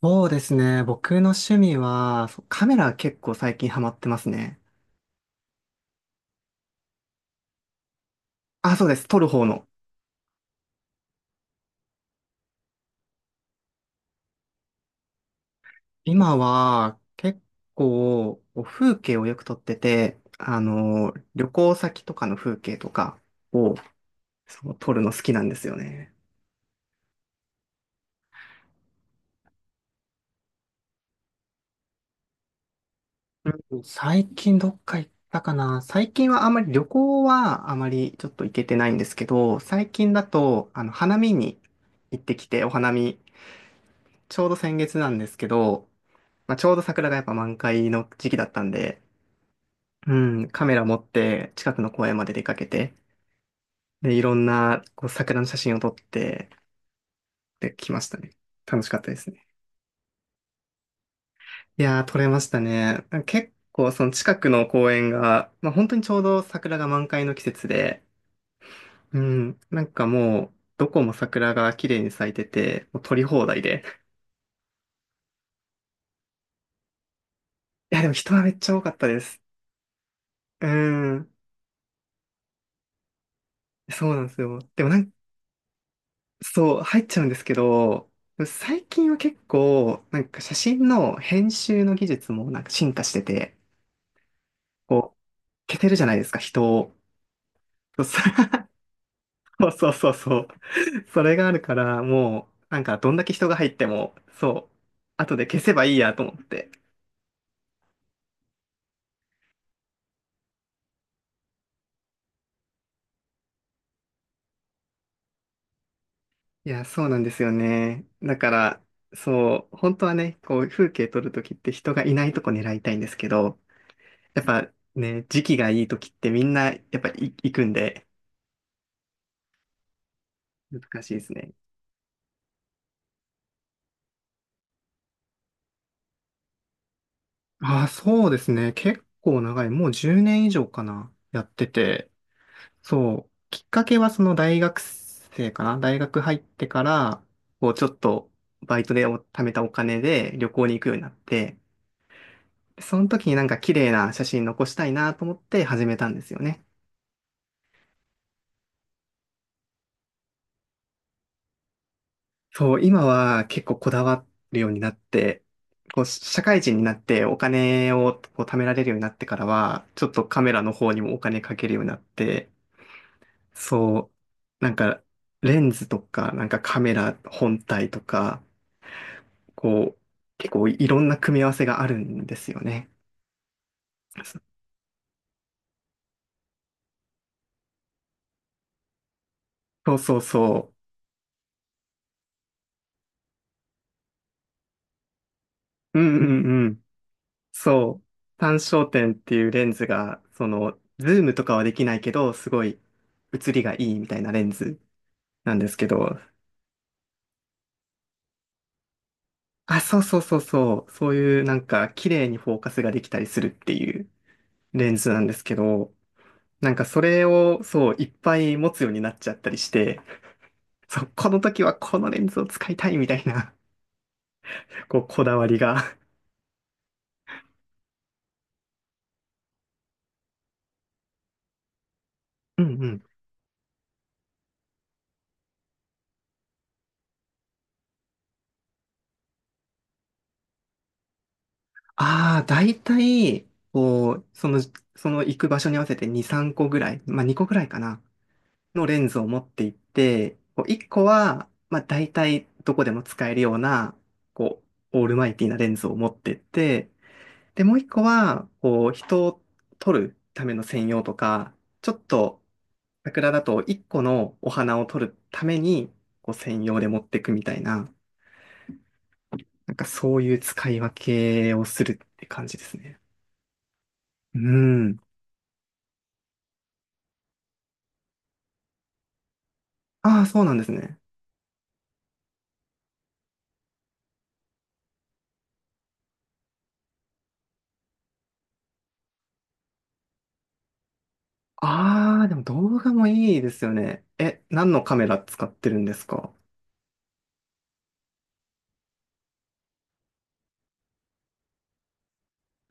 そうですね。僕の趣味は、そう、カメラ結構最近ハマってますね。あ、そうです。撮る方の。今は結構こう、風景をよく撮ってて、旅行先とかの風景とかをそう撮るの好きなんですよね。うん、最近どっか行ったかな。最近はあまり旅行はあまりちょっと行けてないんですけど、最近だと、花見に行ってきて、お花見、ちょうど先月なんですけど、まあ、ちょうど桜がやっぱ満開の時期だったんで、うん、カメラ持って近くの公園まで出かけて、で、いろんなこう、桜の写真を撮ってできましたね。楽しかったですね。いやー、撮れましたね。結構その近くの公園が、まあ、本当にちょうど桜が満開の季節で、うん、なんかもう、どこも桜が綺麗に咲いてて、もう撮り放題で。いや、でも人はめっちゃ多かったです。うん。そうなんですよ。でもそう、入っちゃうんですけど、最近は結構、なんか写真の編集の技術もなんか進化してて、こう、消せるじゃないですか、人を。そうそ そうそうそうそう。それがあるから、もう、なんかどんだけ人が入っても、そう、後で消せばいいやと思って。いや、そうなんですよね。だから、そう、本当はね、こう、風景撮るときって人がいないとこ狙いたいんですけど、やっぱね、時期がいいときってみんな、やっぱい行くんで、難しいですね。ああ、そうですね。結構長い。もう10年以上かな。やってて。そう。きっかけはその大学生かな。大学入ってから、こうちょっと、バイトでお貯めたお金で旅行に行くようになって、その時になんか綺麗な写真残したいなと思って始めたんですよね。そう、今は結構こだわるようになって、こう、社会人になってお金をこう貯められるようになってからは、ちょっとカメラの方にもお金かけるようになって、そう、なんか、レンズとか、なんかカメラ本体とか、こう、結構いろんな組み合わせがあるんですよね。そうそうそう。うんうんうん。そう。単焦点っていうレンズが、その、ズームとかはできないけど、すごい写りがいいみたいなレンズなんですけど、あ、そうそうそうそう。そういうなんか、綺麗にフォーカスができたりするっていうレンズなんですけど、なんかそれを、そう、いっぱい持つようになっちゃったりして、そう、この時はこのレンズを使いたいみたいな、こう、こだわりが。うんうん。ああ、だいたい、こう、その行く場所に合わせて2、3個ぐらい、まあ2個ぐらいかな、のレンズを持っていって、こう1個は、まあだいたいどこでも使えるような、こう、オールマイティなレンズを持ってって、で、もう1個は、こう、人を撮るための専用とか、ちょっと、桜だと1個のお花を撮るために、こう専用で持ってくみたいな、なんかそういう使い分けをするって感じですね。うん。ああ、そうなんですね。ああ、でも動画もいいですよね。え、何のカメラ使ってるんですか？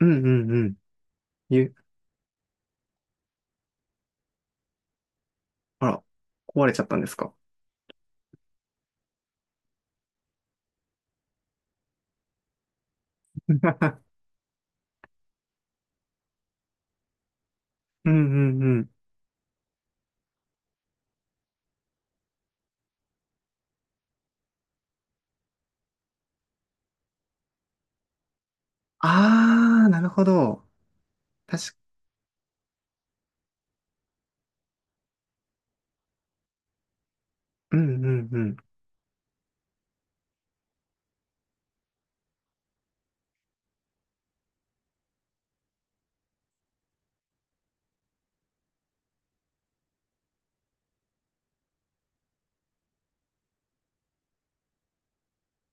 うんうんうん。ゆ、あら、壊れちゃったんですか？ うんうんうん。ああ、なるほど。確か、うんうんうん。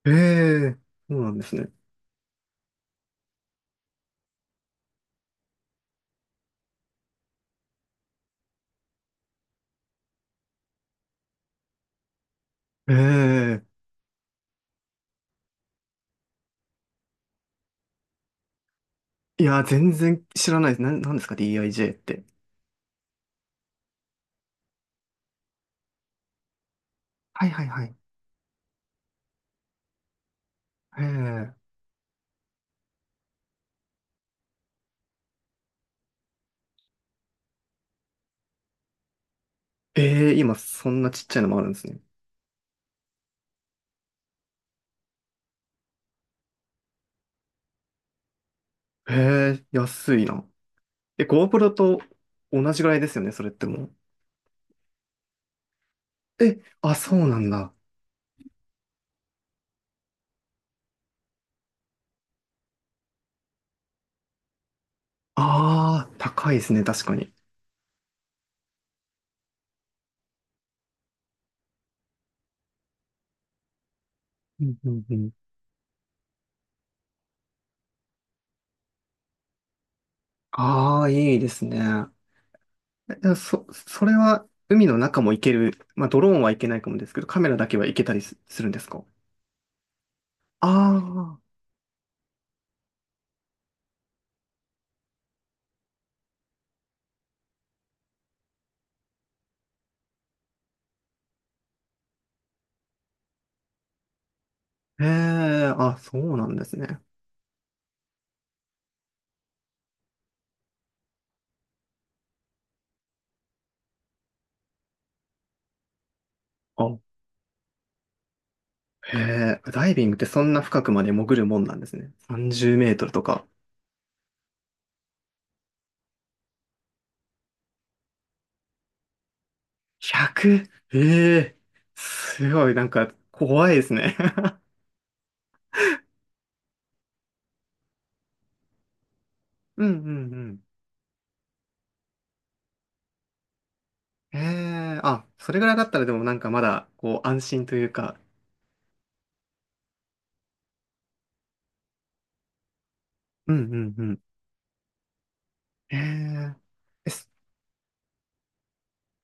ええ、そうなんですね。ええ、いや、全然知らないです。なんですか？ DIJ って。はいはいはい。ええええ、今そんなちっちゃいのもあるんですね。へえ、安いな。え、GoPro と同じぐらいですよね、それってもう。え、あ、そうなんだ。ああ、高いですね、確かに。うんうんうん。ああ、いいですね。え、それは海の中も行ける。まあ、ドローンはいけないかもですけど、カメラだけは行けたりするんですか？ああ、へえ、あ、そうなんですね。あ、へえ、ダイビングってそんな深くまで潜るもんなんですね。30メートルとか。100？ ええ、すごい、なんか怖いですね うんうんうん。ええ、あ、それぐらいだったらでもなんかまだ、こう、安心というか。うんうんうん。えええ、そ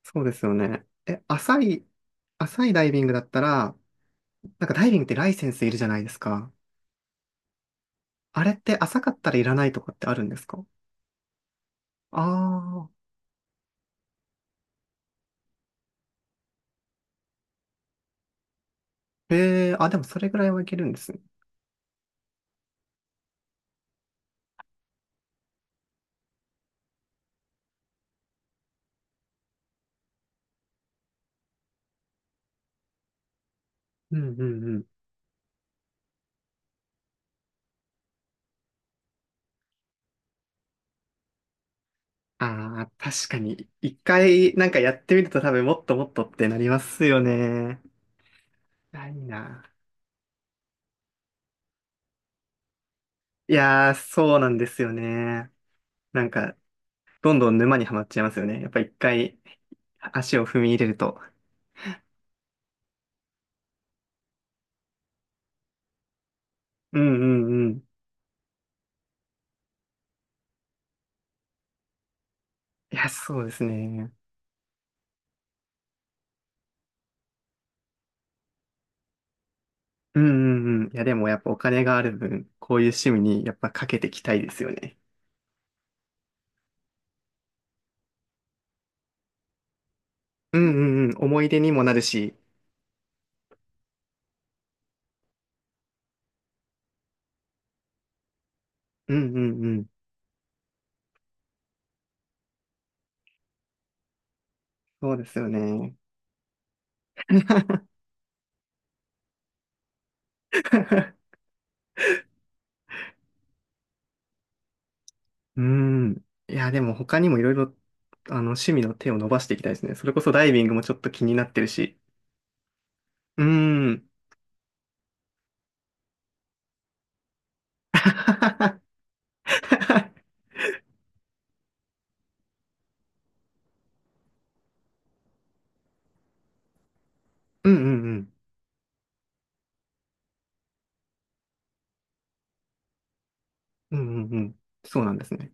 そうですよね。え、浅いダイビングだったら、なんかダイビングってライセンスいるじゃないですか。あれって浅かったらいらないとかってあるんですか？ああー、ええ、あ、でもそれぐらいはいけるんですね。うんうん、ああ、確かに、一回なんかやってみると多分もっともっとってなりますよね。ないな。いやー、そうなんですよね。なんか、どんどん沼にはまっちゃいますよね。やっぱ一回足を踏み入れると。うんうんうん。いや、そうですね。うんうんうん。いや、でもやっぱお金がある分、こういう趣味にやっぱかけていきたいですよね。うんうんうん。思い出にもなるし。うんうんうん。そうですよね。うーん。いや、でも他にもいろいろ、趣味の手を伸ばしていきたいですね。それこそダイビングもちょっと気になってるし。うーん。うんうんうん。うんうんうん。そうなんですね。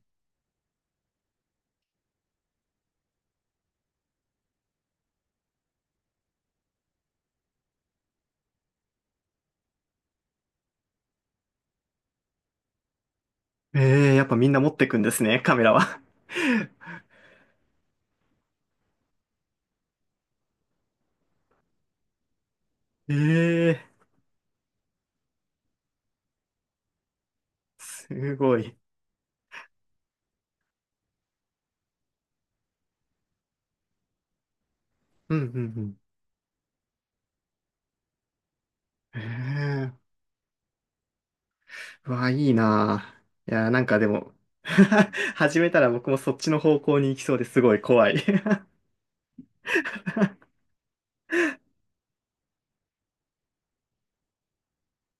ええ、やっぱみんな持ってくんですね、カメラは。ええ、すごい。うんうんうん。ええ、うわ、いいなぁ。いや、なんかでも 始めたら僕もそっちの方向に行きそうですごい怖い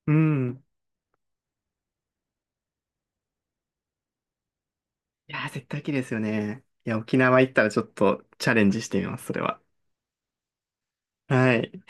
うん。いやー、絶対綺麗ですよね。いや、沖縄行ったらちょっとチャレンジしてみます、それは。はい。